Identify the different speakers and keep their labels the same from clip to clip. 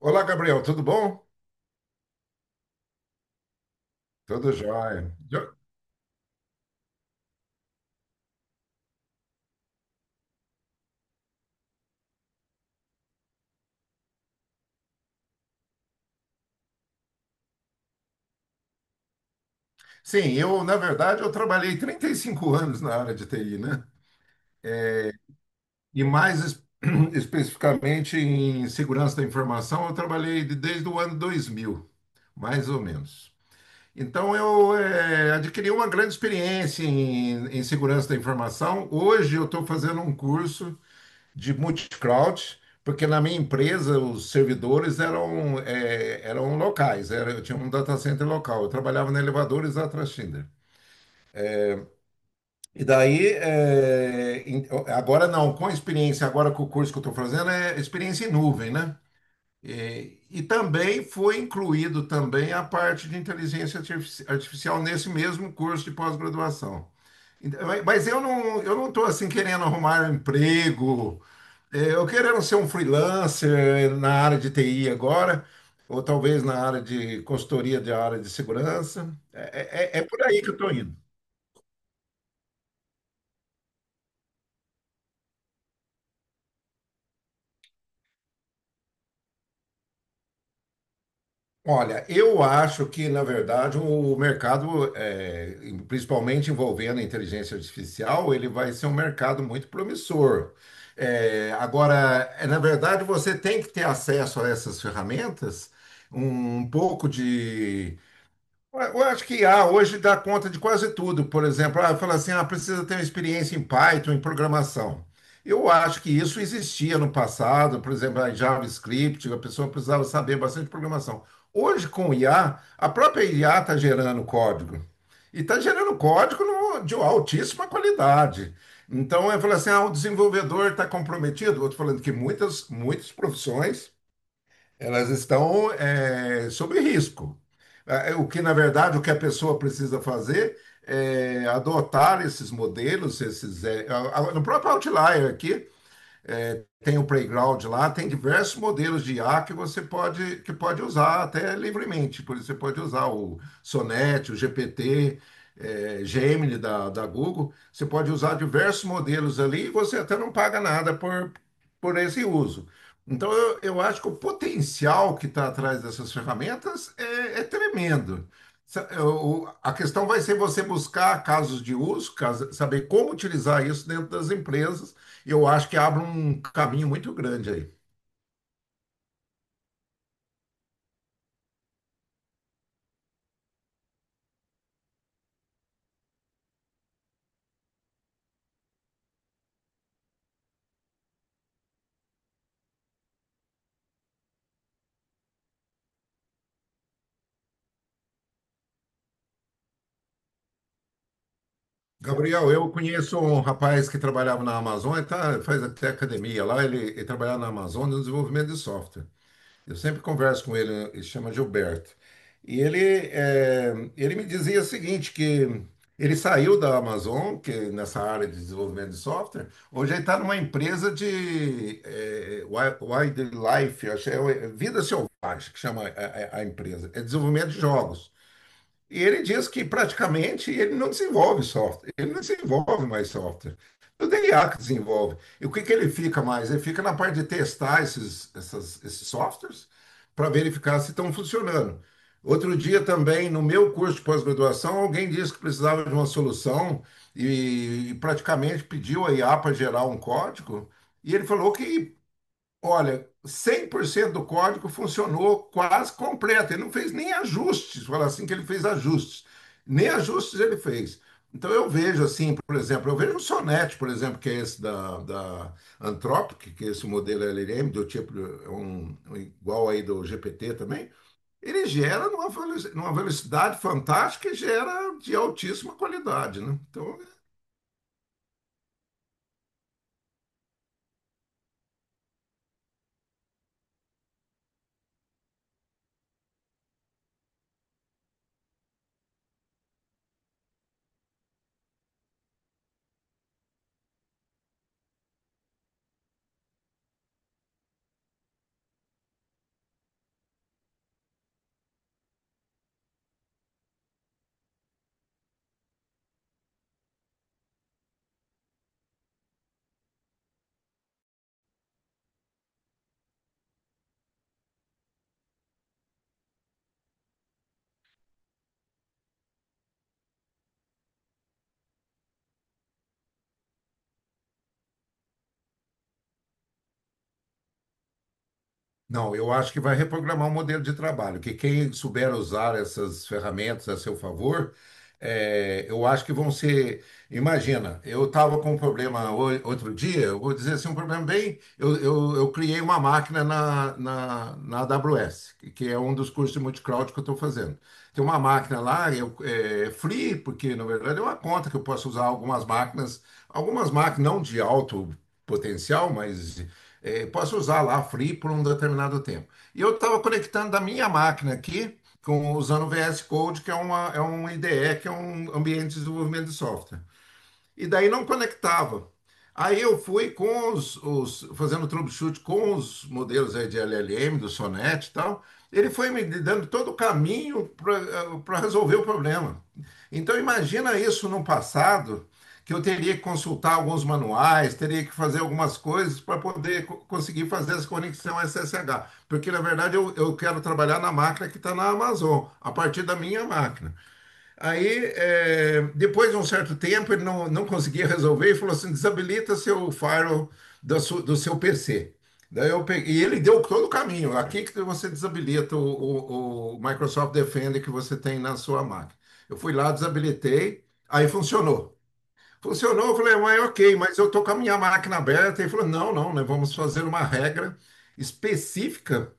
Speaker 1: Olá, Gabriel, tudo bom? Tudo jóia. Sim, na verdade, eu trabalhei 35 anos na área de TI, né? E mais especificamente em segurança da informação, eu trabalhei desde o ano 2000, mais ou menos. Então, eu adquiri uma grande experiência em segurança da informação. Hoje, eu estou fazendo um curso de multi-cloud, porque na minha empresa os servidores eram locais, eu tinha um data center local, eu trabalhava na Elevadores da Atrashinder. E daí, agora não, com a experiência, agora com o curso que eu estou fazendo, é experiência em nuvem, né? E também foi incluído também a parte de inteligência artificial nesse mesmo curso de pós-graduação. Então, mas eu não estou assim querendo arrumar um emprego, eu querendo ser um freelancer na área de TI agora, ou talvez na área de consultoria de área de segurança. É, é por aí que eu estou indo. Olha, eu acho que, na verdade, o mercado, principalmente envolvendo a inteligência artificial, ele vai ser um mercado muito promissor. É, agora, na verdade, você tem que ter acesso a essas ferramentas, um pouco de. Eu acho que I a hoje dá conta de quase tudo. Por exemplo, ah, fala assim, ah, precisa ter uma experiência em Python, em programação. Eu acho que isso existia no passado, por exemplo, em JavaScript, a pessoa precisava saber bastante programação. Hoje, com o IA, a própria IA está gerando código. E está gerando código de altíssima qualidade. Então, eu falo assim, ah, o desenvolvedor está comprometido. Outro falando que muitas, muitas profissões elas estão sob risco. Ah, o que a pessoa precisa fazer é adotar esses modelos, esses, eh, a- no próprio Outlier aqui, tem o playground lá, tem diversos modelos de IA que que pode usar até livremente. Por isso, você pode usar o Sonnet, o GPT, Gemini da Google. Você pode usar diversos modelos ali e você até não paga nada por esse uso. Então, eu acho que o potencial que está atrás dessas ferramentas é tremendo. A questão vai ser você buscar casos de uso, saber como utilizar isso dentro das empresas eu acho que abre um caminho muito grande aí. Gabriel, eu conheço um rapaz que trabalhava na Amazônia, tá, faz até academia lá, ele trabalhava na Amazônia no desenvolvimento de software. Eu sempre converso com ele, ele chama Gilberto. E ele me dizia o seguinte, que ele saiu da Amazon, que é nessa área de desenvolvimento de software, hoje ele está numa empresa de wildlife, acho que vida selvagem, que chama a empresa, é desenvolvimento de jogos. E ele diz que praticamente ele não desenvolve software, ele não desenvolve mais software. O dia que desenvolve. E o que que ele fica mais? Ele fica na parte de testar esses, esses softwares para verificar se estão funcionando. Outro dia também, no meu curso de pós-graduação, alguém disse que precisava de uma solução e praticamente pediu a IA para gerar um código. E ele falou que olha, 100% do código funcionou quase completo. Ele não fez nem ajustes, fala assim que ele fez ajustes. Nem ajustes ele fez. Então eu vejo assim, por exemplo, eu vejo o Sonnet, por exemplo, que é esse da Anthropic, que é esse modelo LLM, do tipo é um igual aí do GPT também, ele gera numa velocidade fantástica e gera de altíssima qualidade, né? Então. Não, eu acho que vai reprogramar o modelo de trabalho, que quem souber usar essas ferramentas a seu favor, eu acho que vão ser. Imagina, eu estava com um problema outro dia, eu vou dizer assim, um problema bem. Eu criei uma máquina na AWS, que é um dos cursos de multicloud que eu estou fazendo. Tem uma máquina lá, eu, é free, porque na verdade é uma conta que eu posso usar algumas máquinas não de alto potencial, mas posso usar lá free por um determinado tempo. E eu estava conectando da minha máquina aqui, usando o VS Code, que é um IDE, que é um ambiente de desenvolvimento de software e daí não conectava. Aí eu fui fazendo troubleshoot com os modelos aí de LLM, do Sonnet e tal. Ele foi me dando todo o caminho para resolver o problema. Então imagina isso no passado, que eu teria que consultar alguns manuais, teria que fazer algumas coisas para poder conseguir fazer essa conexão SSH. Porque na verdade eu quero trabalhar na máquina que está na Amazon, a partir da minha máquina. Aí, depois de um certo tempo, ele não conseguia resolver e falou assim: desabilita seu firewall do seu PC. Daí eu peguei, e ele deu todo o caminho. Aqui que você desabilita o Microsoft Defender que você tem na sua máquina. Eu fui lá, desabilitei, aí funcionou. Funcionou, eu falei, ué, ok, mas eu tô com a minha máquina aberta. Ele falou, não, não, nós vamos fazer uma regra específica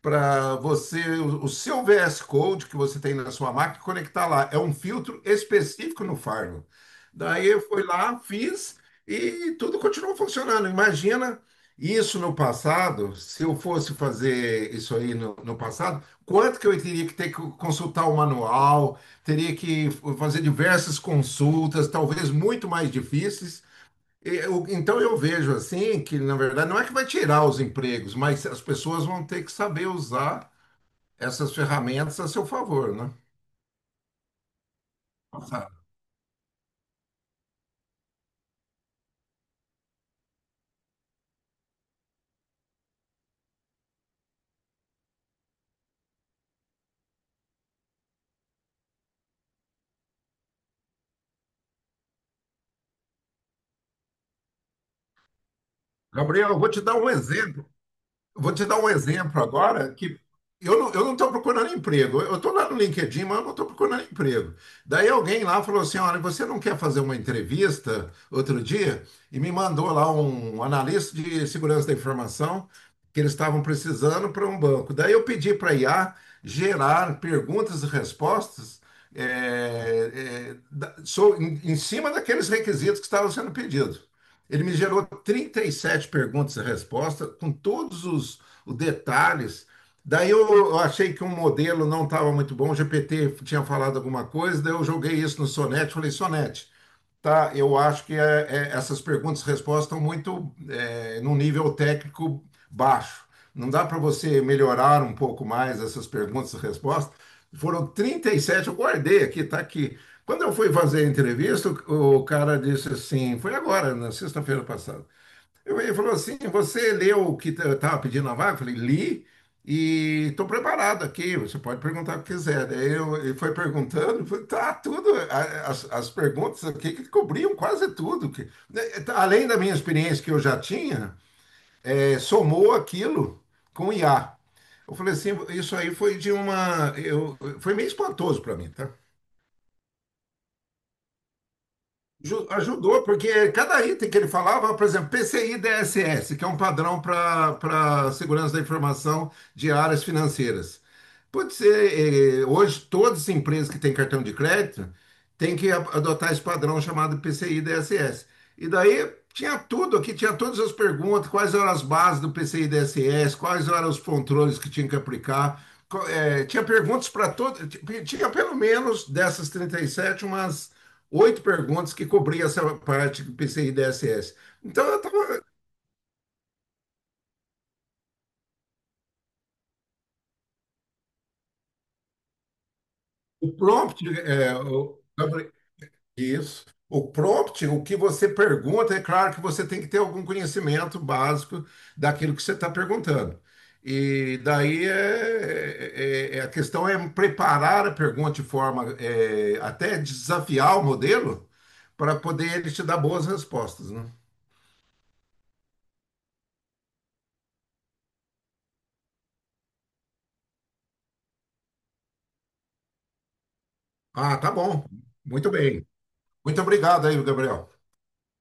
Speaker 1: para você, o seu VS Code que você tem na sua máquina, conectar lá. É um filtro específico no Firewall. Daí eu fui lá, fiz e tudo continuou funcionando. Imagina isso no passado, se eu fosse fazer isso aí no passado, quanto que eu teria que ter que consultar o manual, teria que fazer diversas consultas, talvez muito mais difíceis. Então eu vejo assim que, na verdade, não é que vai tirar os empregos, mas as pessoas vão ter que saber usar essas ferramentas a seu favor, né? Nossa. Gabriel, eu vou te dar um exemplo. Eu vou te dar um exemplo agora que eu não estou procurando emprego. Eu estou lá no LinkedIn, mas eu não estou procurando emprego. Daí alguém lá falou assim: olha, você não quer fazer uma entrevista outro dia? E me mandou lá um analista de segurança da informação que eles estavam precisando para um banco. Daí eu pedi para a IA gerar perguntas e respostas eh, em cima daqueles requisitos que estavam sendo pedidos. Ele me gerou 37 perguntas e respostas, com todos os detalhes. Daí eu achei que um modelo não estava muito bom, o GPT tinha falado alguma coisa, daí eu joguei isso no Sonete, falei, Sonete, tá, eu acho que essas perguntas e respostas estão muito num nível técnico baixo. Não dá para você melhorar um pouco mais essas perguntas e respostas? Foram 37 eu guardei aqui, tá aqui. Quando eu fui fazer a entrevista, o cara disse assim, foi agora, na sexta-feira passada. Ele falou assim: Você leu o que eu estava pedindo na vaga? Eu falei: Li e estou preparado aqui. Você pode perguntar o que quiser. Daí eu, ele foi perguntando, eu falei, tá tudo. As perguntas aqui que cobriam quase tudo. Além da minha experiência que eu já tinha, somou aquilo com o IA. Eu falei assim: Isso aí foi de uma. Foi meio espantoso para mim, tá? Ajudou, porque cada item que ele falava, por exemplo, PCI DSS, que é um padrão para segurança da informação de áreas financeiras. Pode ser, hoje, todas as empresas que têm cartão de crédito, tem que adotar esse padrão chamado PCI DSS. E daí tinha tudo aqui, tinha todas as perguntas, quais eram as bases do PCI DSS, quais eram os controles que tinha que aplicar. Tinha perguntas para todo, tinha pelo menos dessas 37 umas oito perguntas que cobria essa parte do PCI DSS. Então eu tava, o prompt, eh, o- Isso. O prompt, o que você pergunta, é claro que você tem que ter algum conhecimento básico daquilo que você está perguntando. E daí a questão é preparar a pergunta de forma até desafiar o modelo para poder ele te dar boas respostas, né? Ah, tá bom. Muito bem. Muito obrigado aí, Gabriel.